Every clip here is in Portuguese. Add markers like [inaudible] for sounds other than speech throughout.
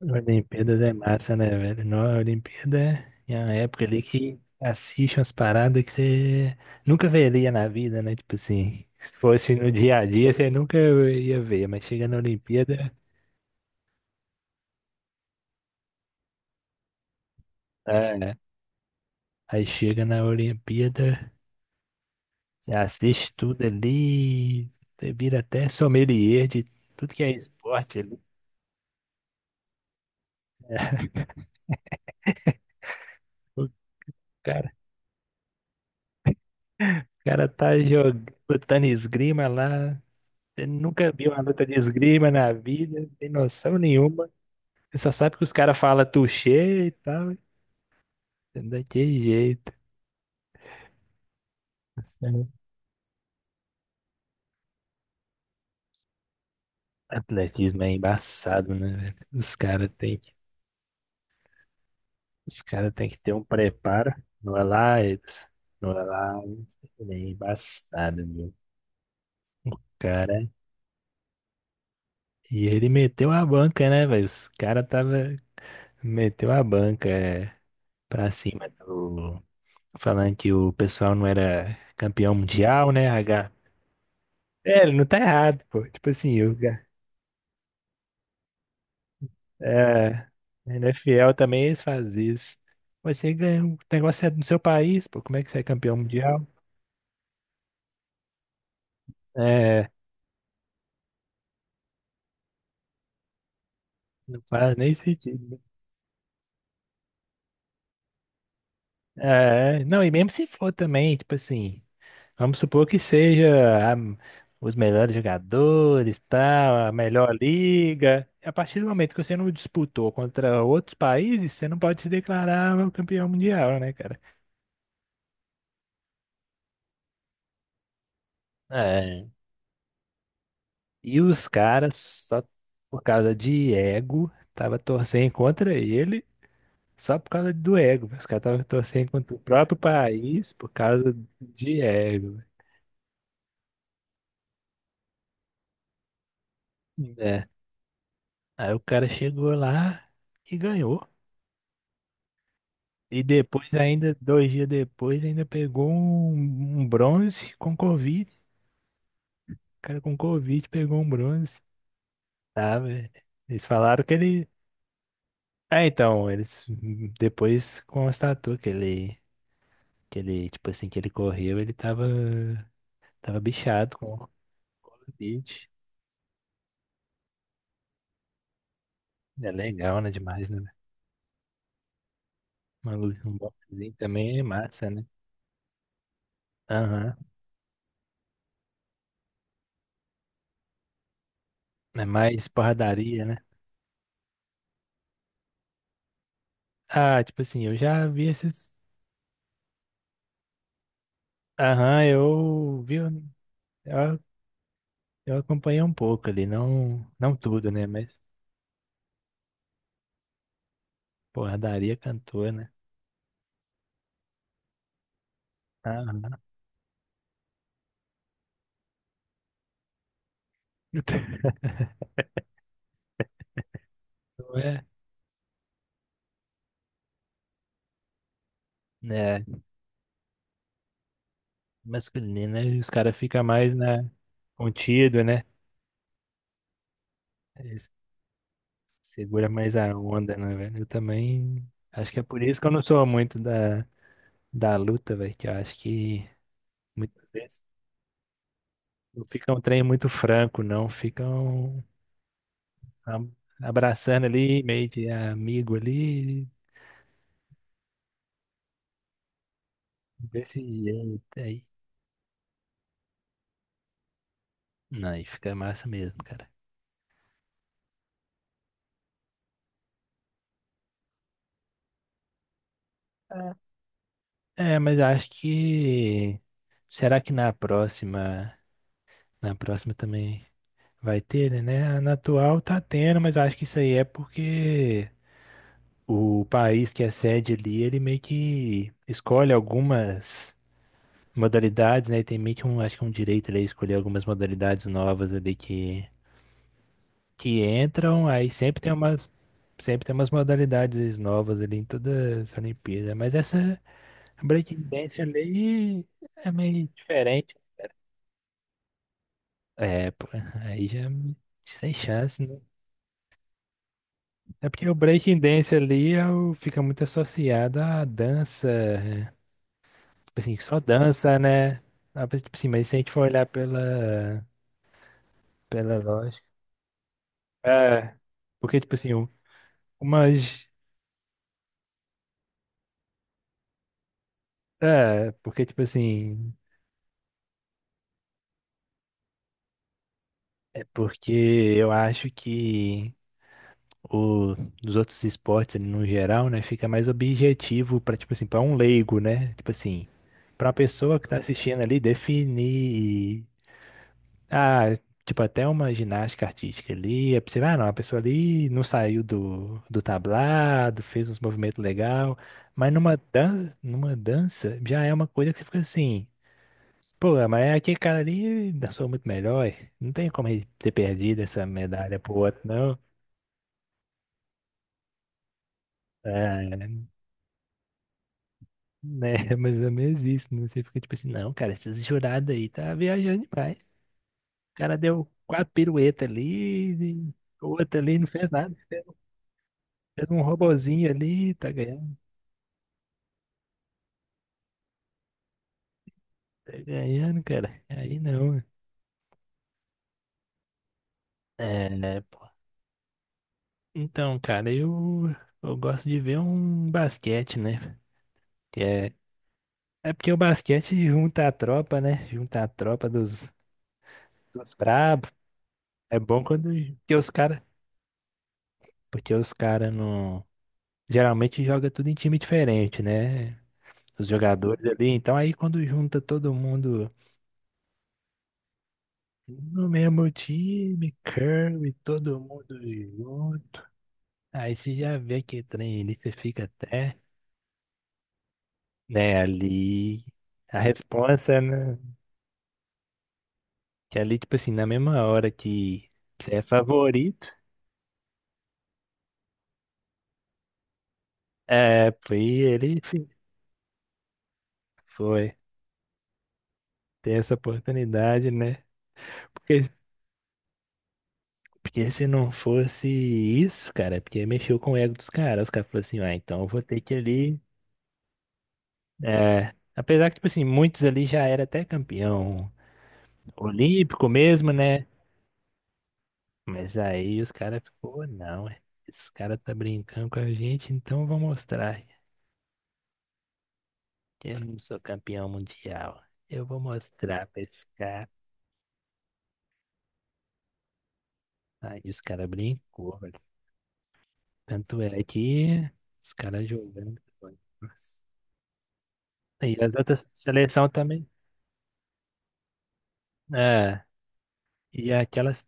Olimpíadas é massa, né, velho? Não, a Olimpíada é uma época ali que assiste umas paradas que você nunca veria na vida, né? Tipo assim, se fosse no dia a dia, você nunca ia ver, mas chega na Olimpíada, é, né? Aí chega na Olimpíada, você assiste tudo ali, você vira até sommelier de tudo que é esporte ali. O cara, o cara tá jogando, lutando esgrima lá, você nunca viu uma luta de esgrima na vida, não tem noção nenhuma. Você só sabe que os caras falam touché e tal. É daquele jeito. Assim, atletismo é embaçado, né, velho? Os caras têm que, os cara tem que ter um preparo. Não é lá, Ibs. Não é lá, Ibs. Ele é embaçado, meu. O cara. E ele meteu a banca, né, velho? Os caras tava. Meteu a banca é, pra cima do. Falando que o pessoal não era campeão mundial, né, H? É, ele não tá errado, pô. Tipo assim, o é, NFL também eles fazem isso. Mas você ganha um negócio é do seu país, pô, como é que você é campeão mundial? É, não faz nem sentido. Né? É, não, e mesmo se for também, tipo assim, vamos supor que seja a- os melhores jogadores, tal, a melhor liga. A partir do momento que você não disputou contra outros países, você não pode se declarar o campeão mundial, né, cara? E os caras, só por causa de ego, tava torcendo contra ele, só por causa do ego. Os caras estavam torcendo contra o próprio país por causa de ego. Né? Aí o cara chegou lá e ganhou. E depois, ainda, dois dias depois, ainda pegou um bronze com Covid. O cara com Covid pegou um bronze. Tá, velho? Eles falaram que ele. Ah, então, eles depois constatou que ele, que ele, tipo assim, que ele correu, ele tava, tava bichado com o colite. É legal, né? Demais, né? Uma lu- um boxezinho também é massa, né? Aham. É mais porradaria, né? Ah, tipo assim, eu já vi esses. Aham, eu vi. Eu, eu acompanhei um pouco ali, não, não tudo, né? Mas porradaria cantor, né? Aham. [laughs] Não é? Né? Masculino, né? Os caras ficam mais na, contido, né? Segura mais a onda, né, velho? Eu também. Acho que é por isso que eu não sou muito da, da luta, velho. Que eu acho que muitas vezes não fica um trem muito franco, não. Ficam ab- abraçando ali, meio de amigo ali, desse jeito aí. Não, aí fica massa mesmo, cara. É, mas eu acho que. Será que na próxima. Na próxima também vai ter, né? Na atual tá tendo, mas eu acho que isso aí é porque. O país que é sede ali, ele meio que escolhe algumas modalidades, né? Tem meio que um, acho que um direito ali a escolher algumas modalidades novas ali que entram, aí sempre tem umas modalidades novas ali em todas as Olimpíadas. Mas essa breakdance ali é meio diferente. É, pô, aí já me- sem chance, né? É porque o breakdance ali é o- fica muito associado à dança. Tipo assim, só dança, né? Ah, mas, tipo assim, mas se a gente for olhar pela, pela lógica. É, porque, tipo assim, um- umas. É, porque, tipo assim. É porque eu acho que o, dos outros esportes, ali, no geral, né, fica mais objetivo pra, tipo assim, pra um leigo, né? Tipo assim, pra uma pessoa que tá assistindo ali definir. Ah, tipo, até uma ginástica artística ali, é possível, ah, não, a pessoa ali não saiu do, do tablado, fez uns movimentos legal, mas numa dança já é uma coisa que você fica assim, pô, mas é aquele cara ali dançou muito melhor, e não tem como ele ter perdido essa medalha pro outro, não. É, né, [laughs] mais ou menos isso, né? Você fica tipo assim, não, cara, esses jurados aí tá viajando demais. O cara deu quatro piruetas ali, e outra ali não fez nada. Fez um robozinho ali, tá ganhando, cara. Aí não. É, né, pô. Então, cara, eu gosto de ver um basquete, né? Que é, é porque o basquete junta a tropa, né? Junta a tropa dos, dos brabos. É bom quando porque os cara, porque os cara não geralmente joga tudo em time diferente, né? Os jogadores ali, então aí quando junta todo mundo no mesmo time, Curry, todo mundo junto. Aí você já vê que trem ali, você fica até, né, ali. A resposta, né? Que ali, tipo assim, na mesma hora que você é favorito, é, foi ele fi- foi. Tem essa oportunidade, né? Porque, porque se não fosse isso, cara, é porque mexeu com o ego dos caras. Os caras falaram assim, ah, então eu vou ter que ali. É, apesar que, tipo assim, muitos ali já era até campeão olímpico mesmo, né? Mas aí os caras ficou, não, é, esse cara tá brincando com a gente, então eu vou mostrar que eu não sou campeão mundial. Eu vou mostrar pra esse cara. Aí os caras brincou, velho. Tanto é que os caras jogando. Nossa. E as outras seleção também. É, e aquelas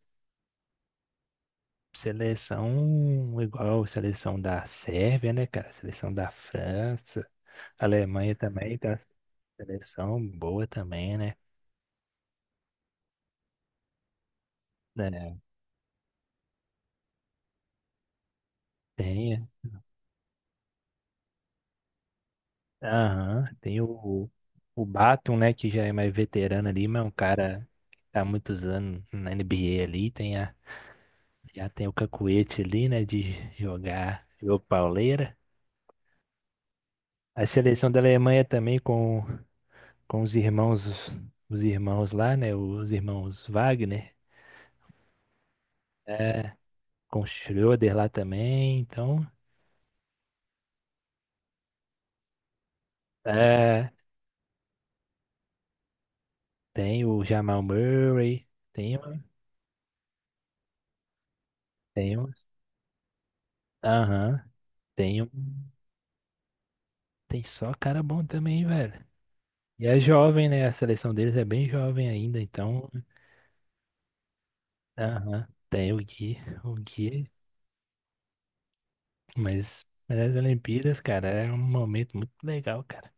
seleção igual a seleção da Sérvia, né, cara? Seleção da França, Alemanha também, tem uma seleção boa também, né? É, tem aham, tem o Batum, né, que já é mais veterano ali, mas é um cara que tá há muitos anos na NBA ali, tem a, já tem o cacuete ali, né, de jogar, jogou pauleira. A seleção da Alemanha também com os irmãos lá, né, os irmãos Wagner, é, com o Schröder lá também, então, é, tem o Jamal Murray, tem, um, tem, um, aham, tem, um- tem só cara bom também, velho. E é jovem, né? A seleção deles é bem jovem ainda, então. Aham. Tem o Gui, o Gui. Mas as Olimpíadas, cara, é um momento muito legal, cara.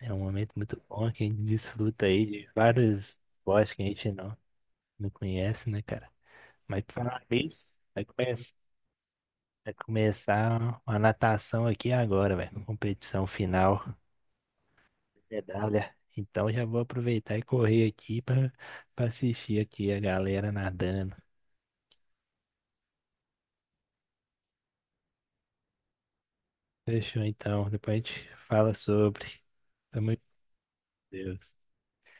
É um momento muito bom que a gente desfruta aí de vários esportes que a gente não, não conhece, né, cara? Mas por falar nisso, vai começar uma natação aqui agora, velho. Competição final, medalha. Então já vou aproveitar e correr aqui para assistir aqui a galera nadando. Fechou então. Depois a gente fala sobre. Pelo amor de Deus.